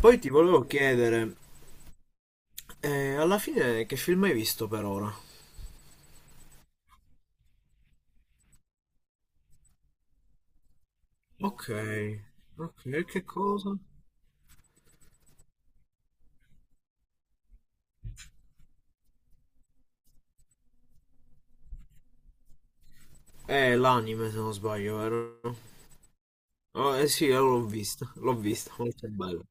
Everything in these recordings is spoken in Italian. Poi ti volevo chiedere, alla fine che film hai visto per ora? Ok, ok, che cosa? L'anime se non sbaglio, vero? Oh, eh sì, l'ho visto, molto bello.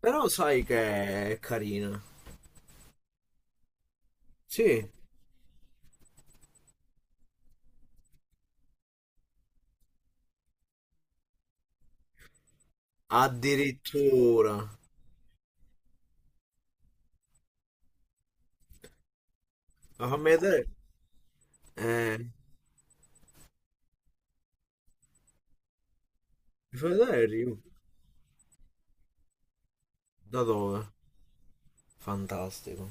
Però sai che è carina. Sì, addirittura. Ma fammi vedere. Mi fai vedere il review? Da dove? Fantastico.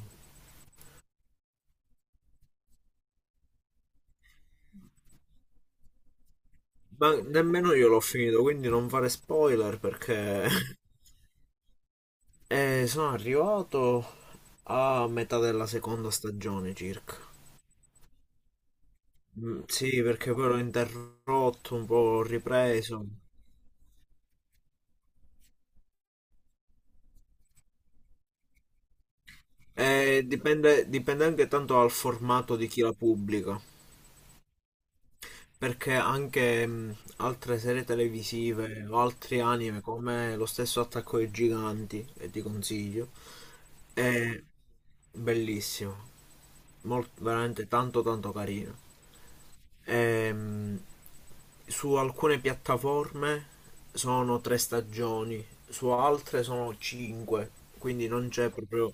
Ma nemmeno io l'ho finito, quindi non fare spoiler perché... E sono arrivato a metà della seconda stagione circa. Mm, sì, perché poi l'ho interrotto, un po' ho ripreso. E dipende, dipende anche tanto dal formato di chi la pubblica. Perché anche altre serie televisive o altri anime, come lo stesso Attacco ai Giganti, che ti consiglio, è bellissimo. Molto, veramente tanto tanto carino. Ehm, Su alcune piattaforme sono tre stagioni, su altre sono cinque, quindi non c'è proprio...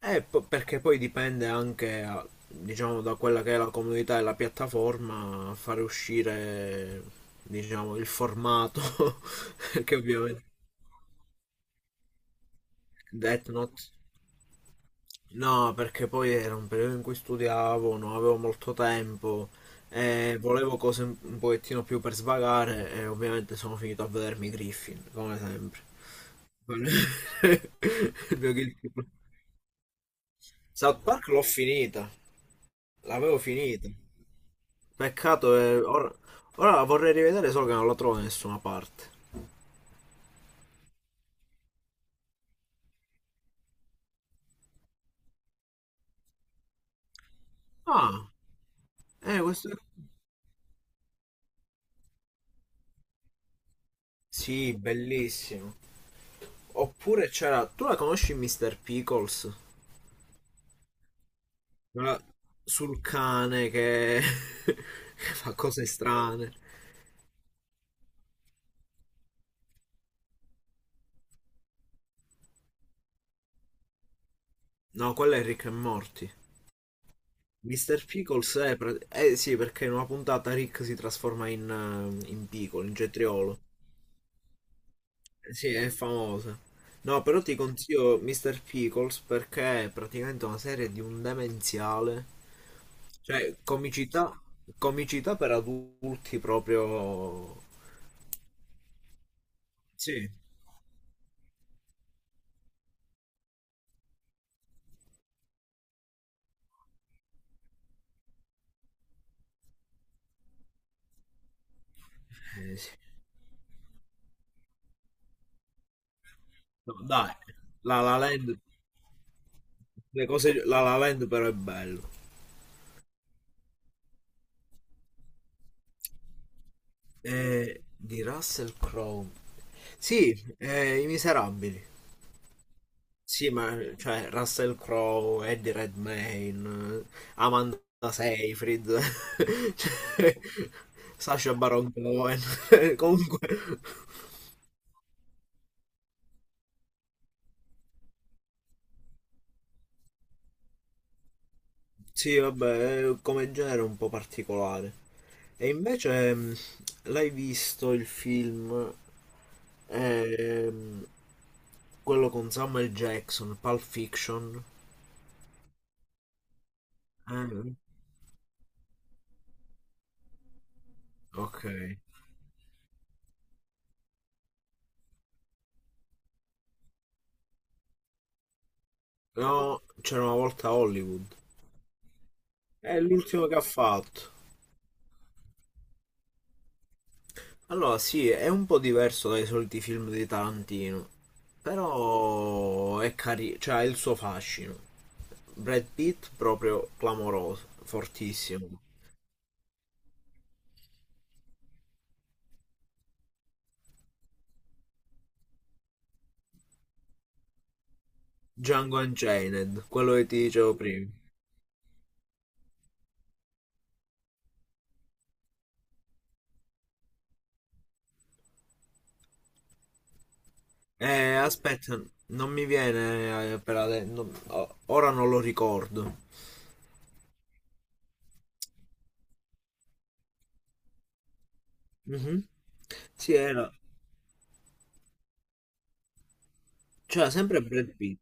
Perché poi dipende anche, diciamo, da quella che è la comunità e la piattaforma a fare uscire, diciamo, il formato. Perché ovviamente Death Note... No, perché poi era un periodo in cui studiavo, non avevo molto tempo e volevo cose un pochettino più per svagare e ovviamente sono finito a vedermi Griffin, come sempre. Quello- Il mio guilty pleasure. South Park l'ho finita, l'avevo finita. Peccato, ora la vorrei rivedere solo che non la trovo da nessuna parte. Ah, questo... Sì, bellissimo. Oppure c'era... Tu la conosci Mr. Pickles? Quella sul cane che... che fa cose strane. No, quello è Rick e Morty. Mr. Pickles è... pre- Eh sì, perché in una puntata Rick si trasforma in piccolo, in cetriolo. Eh sì, è famosa. No, però ti consiglio Mr. Pickles perché è praticamente una serie di un demenziale. Cioè, comicità, comicità per adulti proprio... Sì. Sì. No, dai, La La Land. Le cose, la La Land però è bello. Di Russell Crowe. Sì, I Miserabili. Sì, ma cioè Russell Crowe, Eddie Redmayne, Amanda Seyfried, cioè, Sacha Baron Cohen. Comunque sì, vabbè, è come genere è un po' particolare. E invece l'hai visto il film ehm, quello con Samuel Jackson, Pulp Fiction? Eh, ok. No, c'era una volta a Hollywood. È l'ultimo che ha fatto. Allora, sì, è un po' diverso dai soliti film di Tarantino, però è carino, cioè ha il suo fascino. Brad Pitt proprio clamoroso, fortissimo. Django Unchained, quello che ti dicevo prima. Aspetta, non mi viene per adesso, ora non lo ricordo. Mhm. Sì, era, cioè sempre Brad Pitt,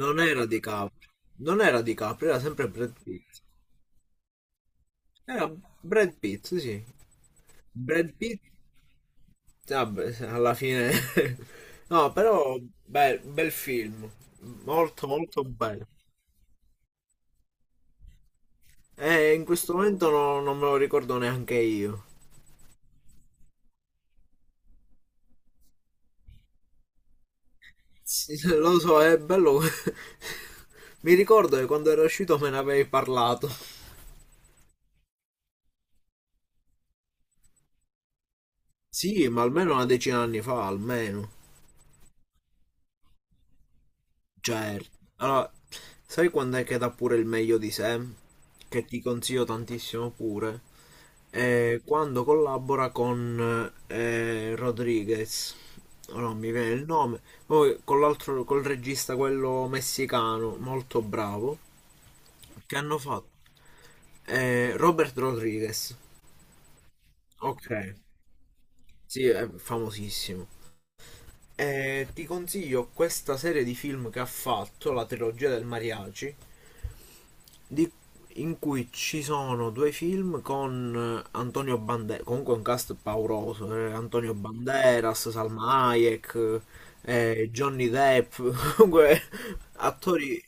non era DiCaprio, non era DiCaprio, era sempre Brad Pitt. Era Brad Pitt, sì, sì. Brad Pitt, vabbè, alla fine... No, però bel, bel film, molto molto bello. In questo momento non me lo ricordo neanche io. Sì, sì, lo so, è bello. Mi ricordo che quando era uscito me ne avevi parlato. Sì, ma almeno una decina d'anni fa, almeno. Cioè, allora, sai quando è che dà pure il meglio di sé? Che ti consiglio tantissimo pure. È quando collabora con Rodriguez. Oh, non mi viene il nome. Poi con l'altro, col regista quello messicano, molto bravo, che hanno fatto. Robert Rodriguez. Ok, sì, è famosissimo. E ti consiglio questa serie di film che ha fatto, la trilogia del Mariachi, di- in cui ci sono due film con Antonio Banderas, comunque un cast pauroso, Antonio Banderas, Salma Hayek, Johnny Depp, comunque attori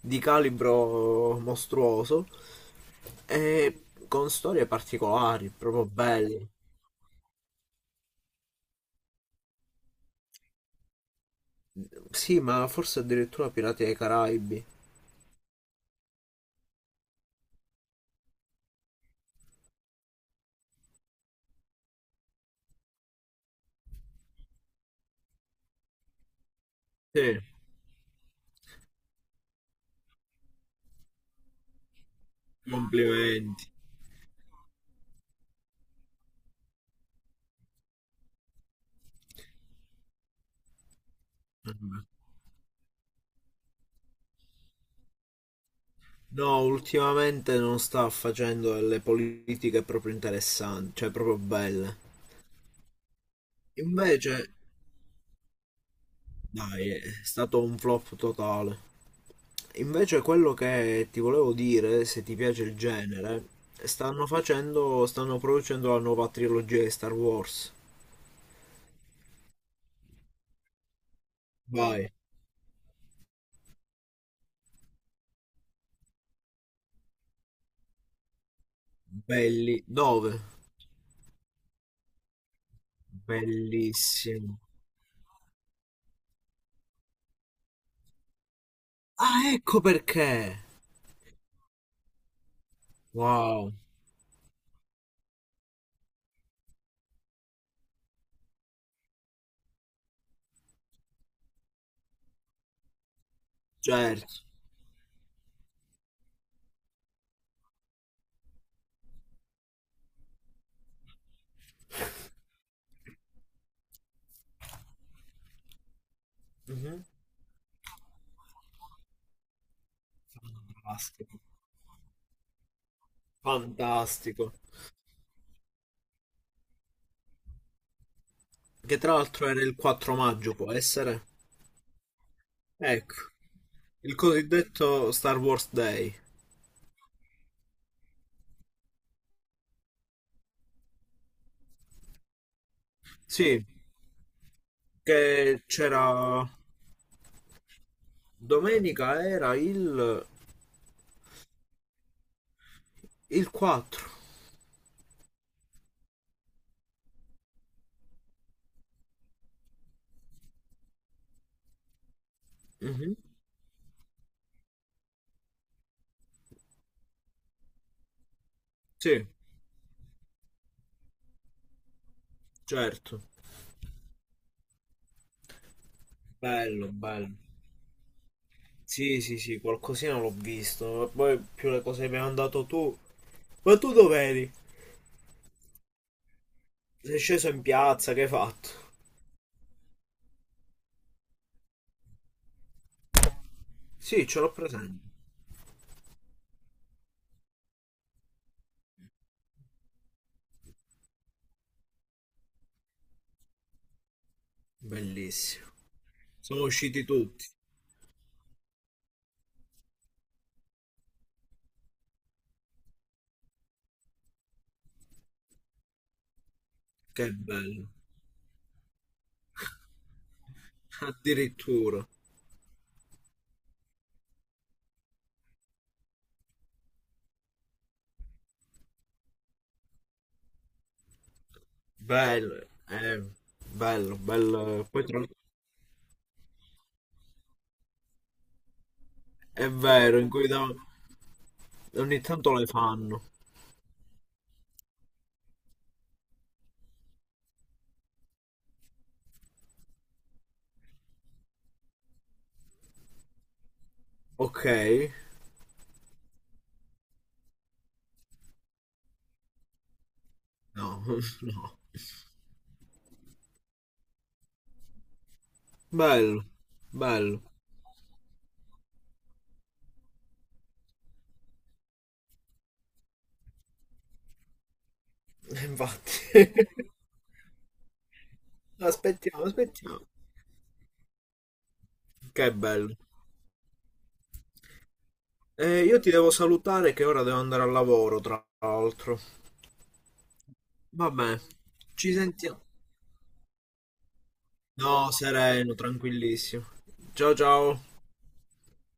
di calibro mostruoso e con storie particolari, proprio belle. Sì, ma forse addirittura Pirati dei Caraibi. Sì, complimenti. No, ultimamente non sta facendo delle politiche proprio interessanti, cioè proprio belle. Invece, dai, è stato un flop totale. Invece quello che ti volevo dire, se ti piace il genere, stanno facendo, stanno producendo la nuova trilogia di Star Wars. Vai, belli, dove? Bellissimo. Ah, ecco perché. Wow, certo. Mhm. Fantastico. Fantastico. Che tra l'altro era il 4 maggio, può essere? Ecco, il cosiddetto Star Wars Day. Sì, che c'era... Domenica era il 4. Mhm. Sì, certo. Bello, bello. Sì, sì, sì, qualcosina l'ho visto. Poi più le cose che mi hai mandato tu. Ma tu dove eri? Sei sceso in piazza, che hai fatto? Sì, ce l'ho presente. Bellissimo. Sono usciti tutti. Che bello. Addirittura. Bello. eh, Bello, bello. Poi tra l'altro è vero, in cui ogni tanto le fanno. Ok. No, no. Bello, bello. Infatti. Aspettiamo, aspettiamo. Che bello. Io ti devo salutare che ora devo andare al lavoro, tra l'altro. Vabbè, ci sentiamo. No, sereno, tranquillissimo. Ciao ciao.